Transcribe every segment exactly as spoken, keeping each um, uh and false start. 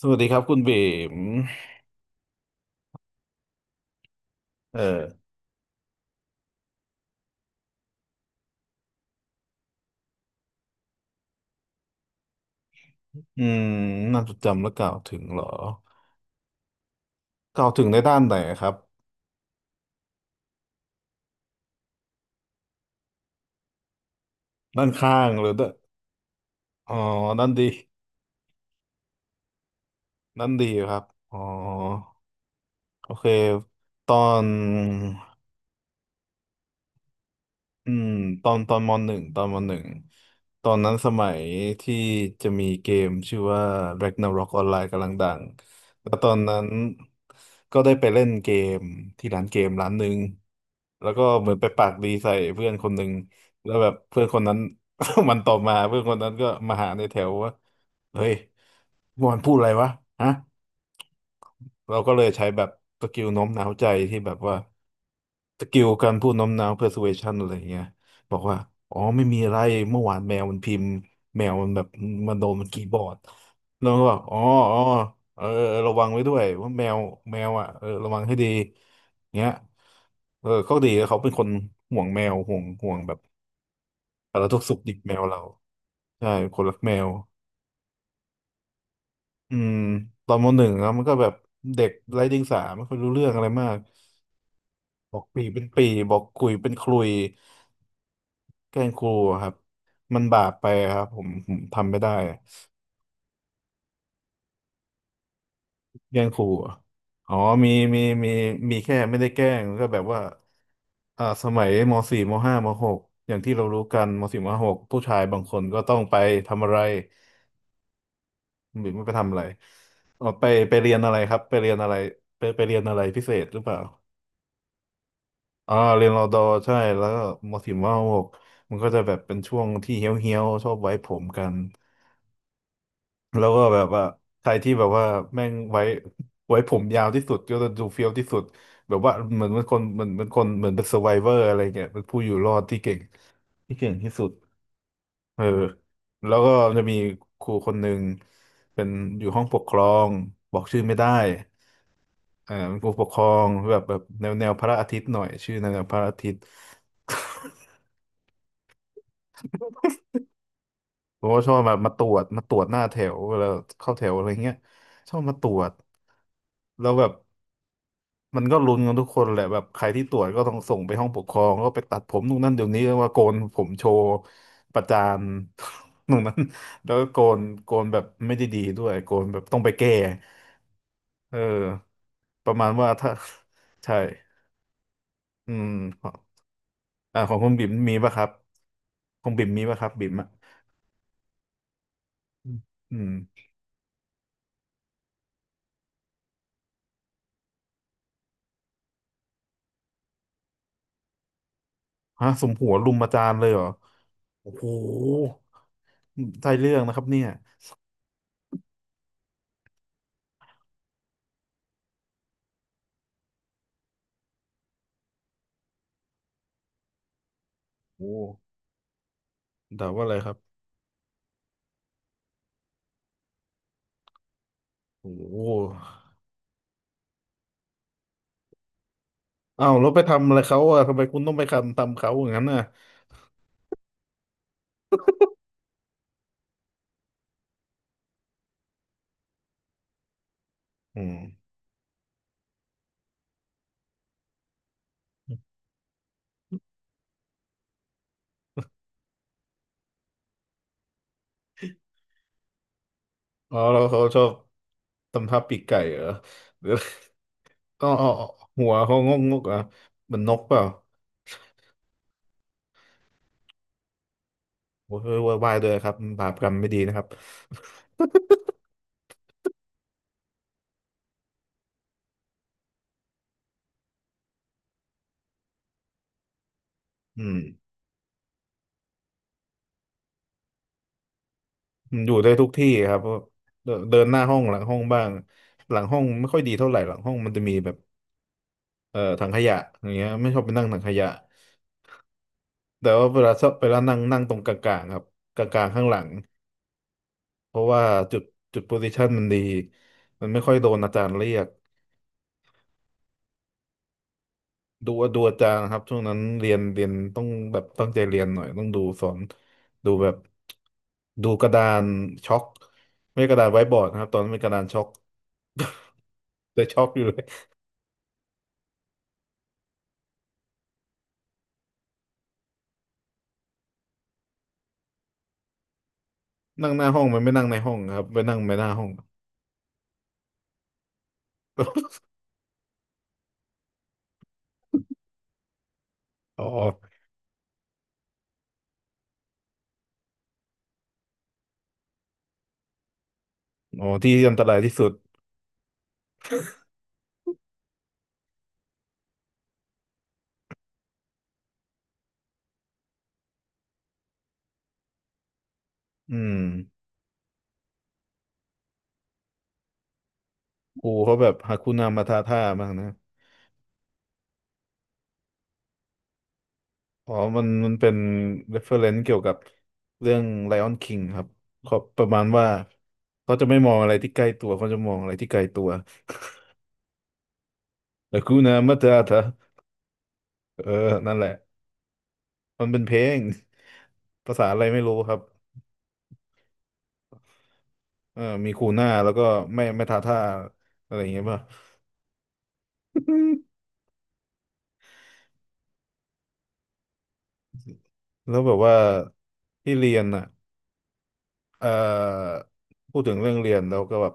สวัสดีครับคุณเบมเอออืมน่าจดจำและกล่าวถึงเหรอกล่าวถึงในด้านไหนครับ ด้านข้างหรือด้านอ๋อด้านดีด้านดีครับ อ๋อ โอเค ตอน อืมตอนตอนมหนึ่งตอนมหนึ่งตอนนั้นสมัยที่จะมีเกมชื่อว่า Ragnarok Online กำลังดังแล้วตอนนั้นก็ได้ไปเล่นเกมที่ร้านเกมร้านหนึ่งแล้วก็เหมือนไปปากดีใส่เพื่อนคนหนึ่งแล้วแบบเพื่อนคนนั้น มันต่อมาเพื่อนคนนั้นก็มาหาในแถวว่าเฮ้ยมอนพูดอะไรวะฮะเราก็เลยใช้แบบสกิลโน้มน้าวใจที่แบบว่า สกิลการพูดโน้มน้าว persuasion อะไรอย่างเงี้ยบอกว่าอ๋อไม่มีอะไรเมื่อวานแมวมันพิมพ์แมวมันแบบมันโดนมันคีย์บอร์ดแล้วก็บอกอ๋ออ๋อเออเออระวังไว้ด้วยว่าแมวแมวอ่ะเออระวังให้ดีเงี้ยเออเขาดีเขาเป็นคนห่วงแมวห่วงห่วงแบบสารทุกข์สุขดิบแมวเราใช่คนรักแมวอืมตอนมหนึ่งอะมันก็แบบเด็กไร้เดียงสาไม่ค่อยรู้เรื่องอะไรมากบอกปีเป็นปีบอกคุยเป็นคุย แกล้งครูอะครับ มันบาปไปอะครับผมผมทำไม่ได้แกล้งครูอะอ๋อมีมีมีมีแค่ไม่ได้แกล้งก็แบบว่าอ่าสมัยมสี่มห้ามหกอย่างที่เรารู้กันมสี่มหหกผู้ชายบางคนก็ต้องไปทำอะไรหรือไม่ไปทำอะไรอ๋อไปไปเรียนอะไรครับไปเรียนอะไรไปไปเรียนอะไรพิเศษหรือเปล่าอ๋อเรียนรอดอใช่แล้วก็มสี่มมหกมันก็จะแบบเป็นช่วงที่เฮี้ยวเฮี้ยวชอบไว้ผมกัน แล้วก็แบบว่าใครที่แบบว่าแม่งไว้ไว้ผมยาวที่สุดก็จะดูเฟี้ยวที่สุดแบบว่าเหมือนเป็นคนเหมือนเป็นคนเหมือนเป็น s ซ r v i เวอร์อะไรเงี้ยเป็นผู้อยู่รอดที่เก่งที่เก่งที่สุดเออแล้วก็จะมีครูคนหนึ่งเป็นอยู่ห้องปกครองบอกชื่อไม่ได้เออเป็นครูปกครองแบบแบบแนวแนวพระอาทิตย์หน่อยชื่อแนวแนวพระอาทิตย์ ผมก็ชอบแบบมาตรวจมาตรวจหน้าแถวเวลาเข้าแถวอะไรเงี้ยชอบมาตรวจแล้วแบบ มันก็ลุ้นกันทุกคนแหละแบบใครที่ตรวจก็ต้องส่งไปห้องปกครองก็ไปตัดผมนู่นนั่นเดี๋ยวนี้แล้วว่าโกนผมโชว์ประจาน นู่นนั้นแล้วก็โกนโกนแบบไม่ได้ดีด้วยโกนแบบต้องไปแก้เออประมาณว่าถ้า ใช่อืมอ่าของคุณบิ่มมีป่ะครับของบิ่มมีป่ะครับบิ่มอ่ะอืมอืมฮะสมหัวรุมประจาน์เลยเหรอโอ้โหได้เรื่องนะครับเนี่ยโอ้ด่าว่าอะไรครับโอ้ อ้าวแล้วไปทำอะไรเขาอ่ะทำไมคุณต้องไปทำทำเขาอย่างนั้นน่ะอืมอ๋อแล้วเขาชอบทำท่าปีกไก่เหรอหรือ อ๋ออ๋ออ๋อหัวเขางกงกเหรอ่ะมันนกเปล่าโอ้ยโวยวายเวยครับบาปกรรมไม่ดีนะครับอืมมันอยู่ได้ทุกที่ครับเพราะเดินเดินหน้าห้องหลังห้องบ้างหลังห้องไม่ค่อยดีเท่าไหร่หลังห้องมันจะมีแบบเอ่อถังขยะอย่างเงี้ยไม่ชอบไปนั่งถังขยะแต่ว่าเวลาชอบไปแล้วนั่งนั่งตรงกลางๆครับกลางๆข้างหลัง เพราะว่าจุดจุดโพซิชันมันดีมันไม่ค่อยโดนอาจารย์เรียกดูดูอาจารย์นะครับช่วงนั้นเรียนเรียนต้องแบบตั้งใจเรียนหน่อยต้องดูสอนดูแบบดูกระดานช็อกไม่ใช่กระดานไว้บอร์ดนะครับตอนนั้นเป็นกระดานช็อก แต่ช็อกอยู่เลยนั่งหน้าห้องมันไม่นั่งในห้องครับไปนั่งไปหน้าห้องอ๋ออ๋อที่อันตรายที่สุดอืมครูเขาแบบฮาคุนามาทาท่ามากนะ อ๋อมันมันเป็น reference เกี่ยวกับเรื่อง Lion King ครับเขาประมาณว่าเขาจะไม่มองอะไรที่ใกล้ตัว เขาจะมองอะไรที่ไกลตัวแต่คูนามัตตาเออนั่นแหละ มันเป็นเพลงภาษาอะไรไม่รู้ครับเออมีคูน่าแล้วก็ไม่ไม่ทาท่า อะไรอย่างเงี้ยป่ะ แล้วแบบว่าที่เรียนอ่ะเอ่อพูดถึงเรื่องเรียนแล้วก็แบบ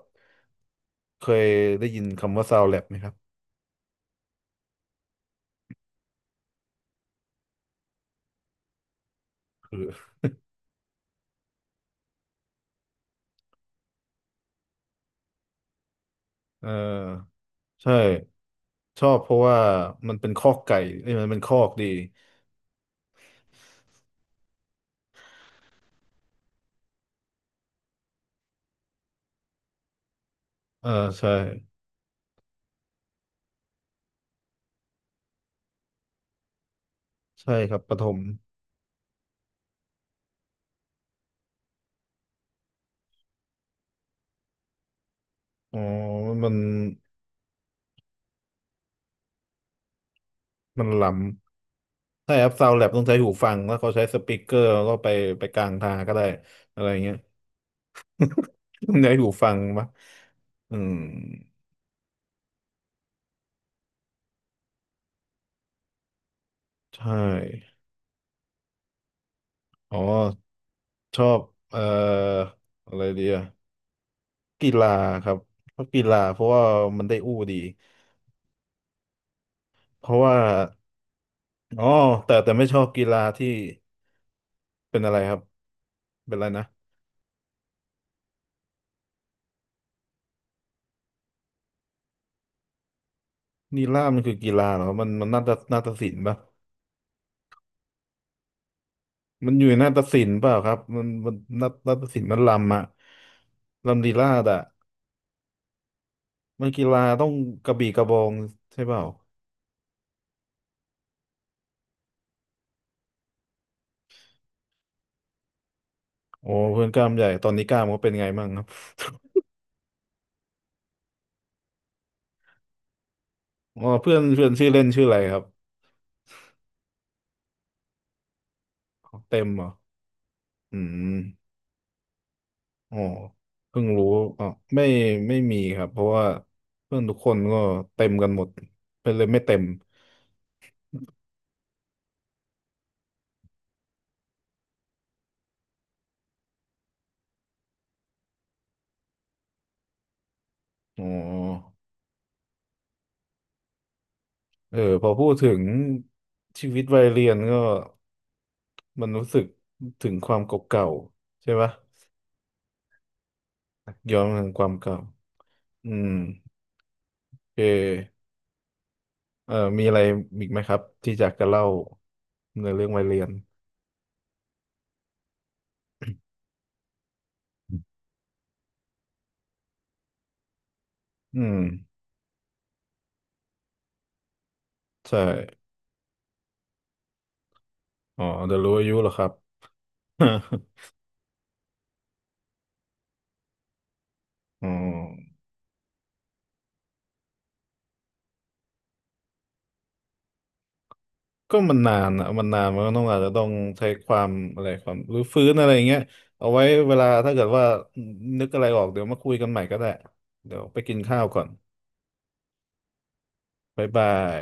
เคยได้ยินคำว่า sound lab ไหมครับคือเออใช่ ชอบเพราะว่ามันเป็นคอกไก่เอ้ยมันเป็นคอกดีเออใช่ใช่ครับปฐมอ๋อมันมันหลำใช่ครับซาวแล็บต้องใช้หูฟังแล้วเขาใช้สปีกเกอร์แล้วก็ไปไปกลางทางก็ได้อะไรเงี้ยต้องใช้หูฟังปะอืมใช่อ๋อชอบเอ่ออะไรดีอะกีฬาครับชอบกีฬาเพราะว่ามันได้อู้ดีเพราะว่าอ๋อแต่แต่ไม่ชอบกีฬาที่เป็นอะไรครับเป็นอะไรนะ นีล่ามันคือกีฬาเหรอครับมันมันนาฏนาฏศิลป์ป่ะมันอยู่ในนาฏศิลป์เปล่าครับมันมันนาฏนาฏศิลป์มันลำอะลำลีลาดอะมันกีฬาต้องกระบี่กระบองใช่เปล่าโอ้เพื่อนกล้ามใหญ่ตอนนี้กล้ามเขาเป็นไงบ้างครับอ๋อเพื่อนเพื่อนชื่อเล่นชื่ออะไรครับ เต็มเหรออืมอ๋อเพิ่งรู้อ๋อไม่ไม่มีครับ เพราะว่าเพื่อนทุกคนก็เต็มกันหมดเป็นเลยไม่เต็มอ๋อเออพอพูดถึงชีวิตวัยเรียนก็ มันรู้สึกถึงความเก่าๆใช่ปะย้อนถึงความเก่าอืมโอเคเอ่อมีอะไรอีกไหมครับที่อยากจะเล่าในเรื่องวัยเรียนอืมใช่อ๋อเดี๋ยวรู้อายุเหรอครับ อ๋อก็มันนานอ่ะมันนานมันก็ต้องอาจจะต้องใช้ความอะไรความรื้อฟื้นอะไรอย่างเงี้ยเอาไว้เวลาถ้าเกิดว่านึกอะไรออกเดี๋ยวมาคุยกันใหม่ก็ได้เดี๋ยวไปกินข้าวก่อนบ๊ายบาย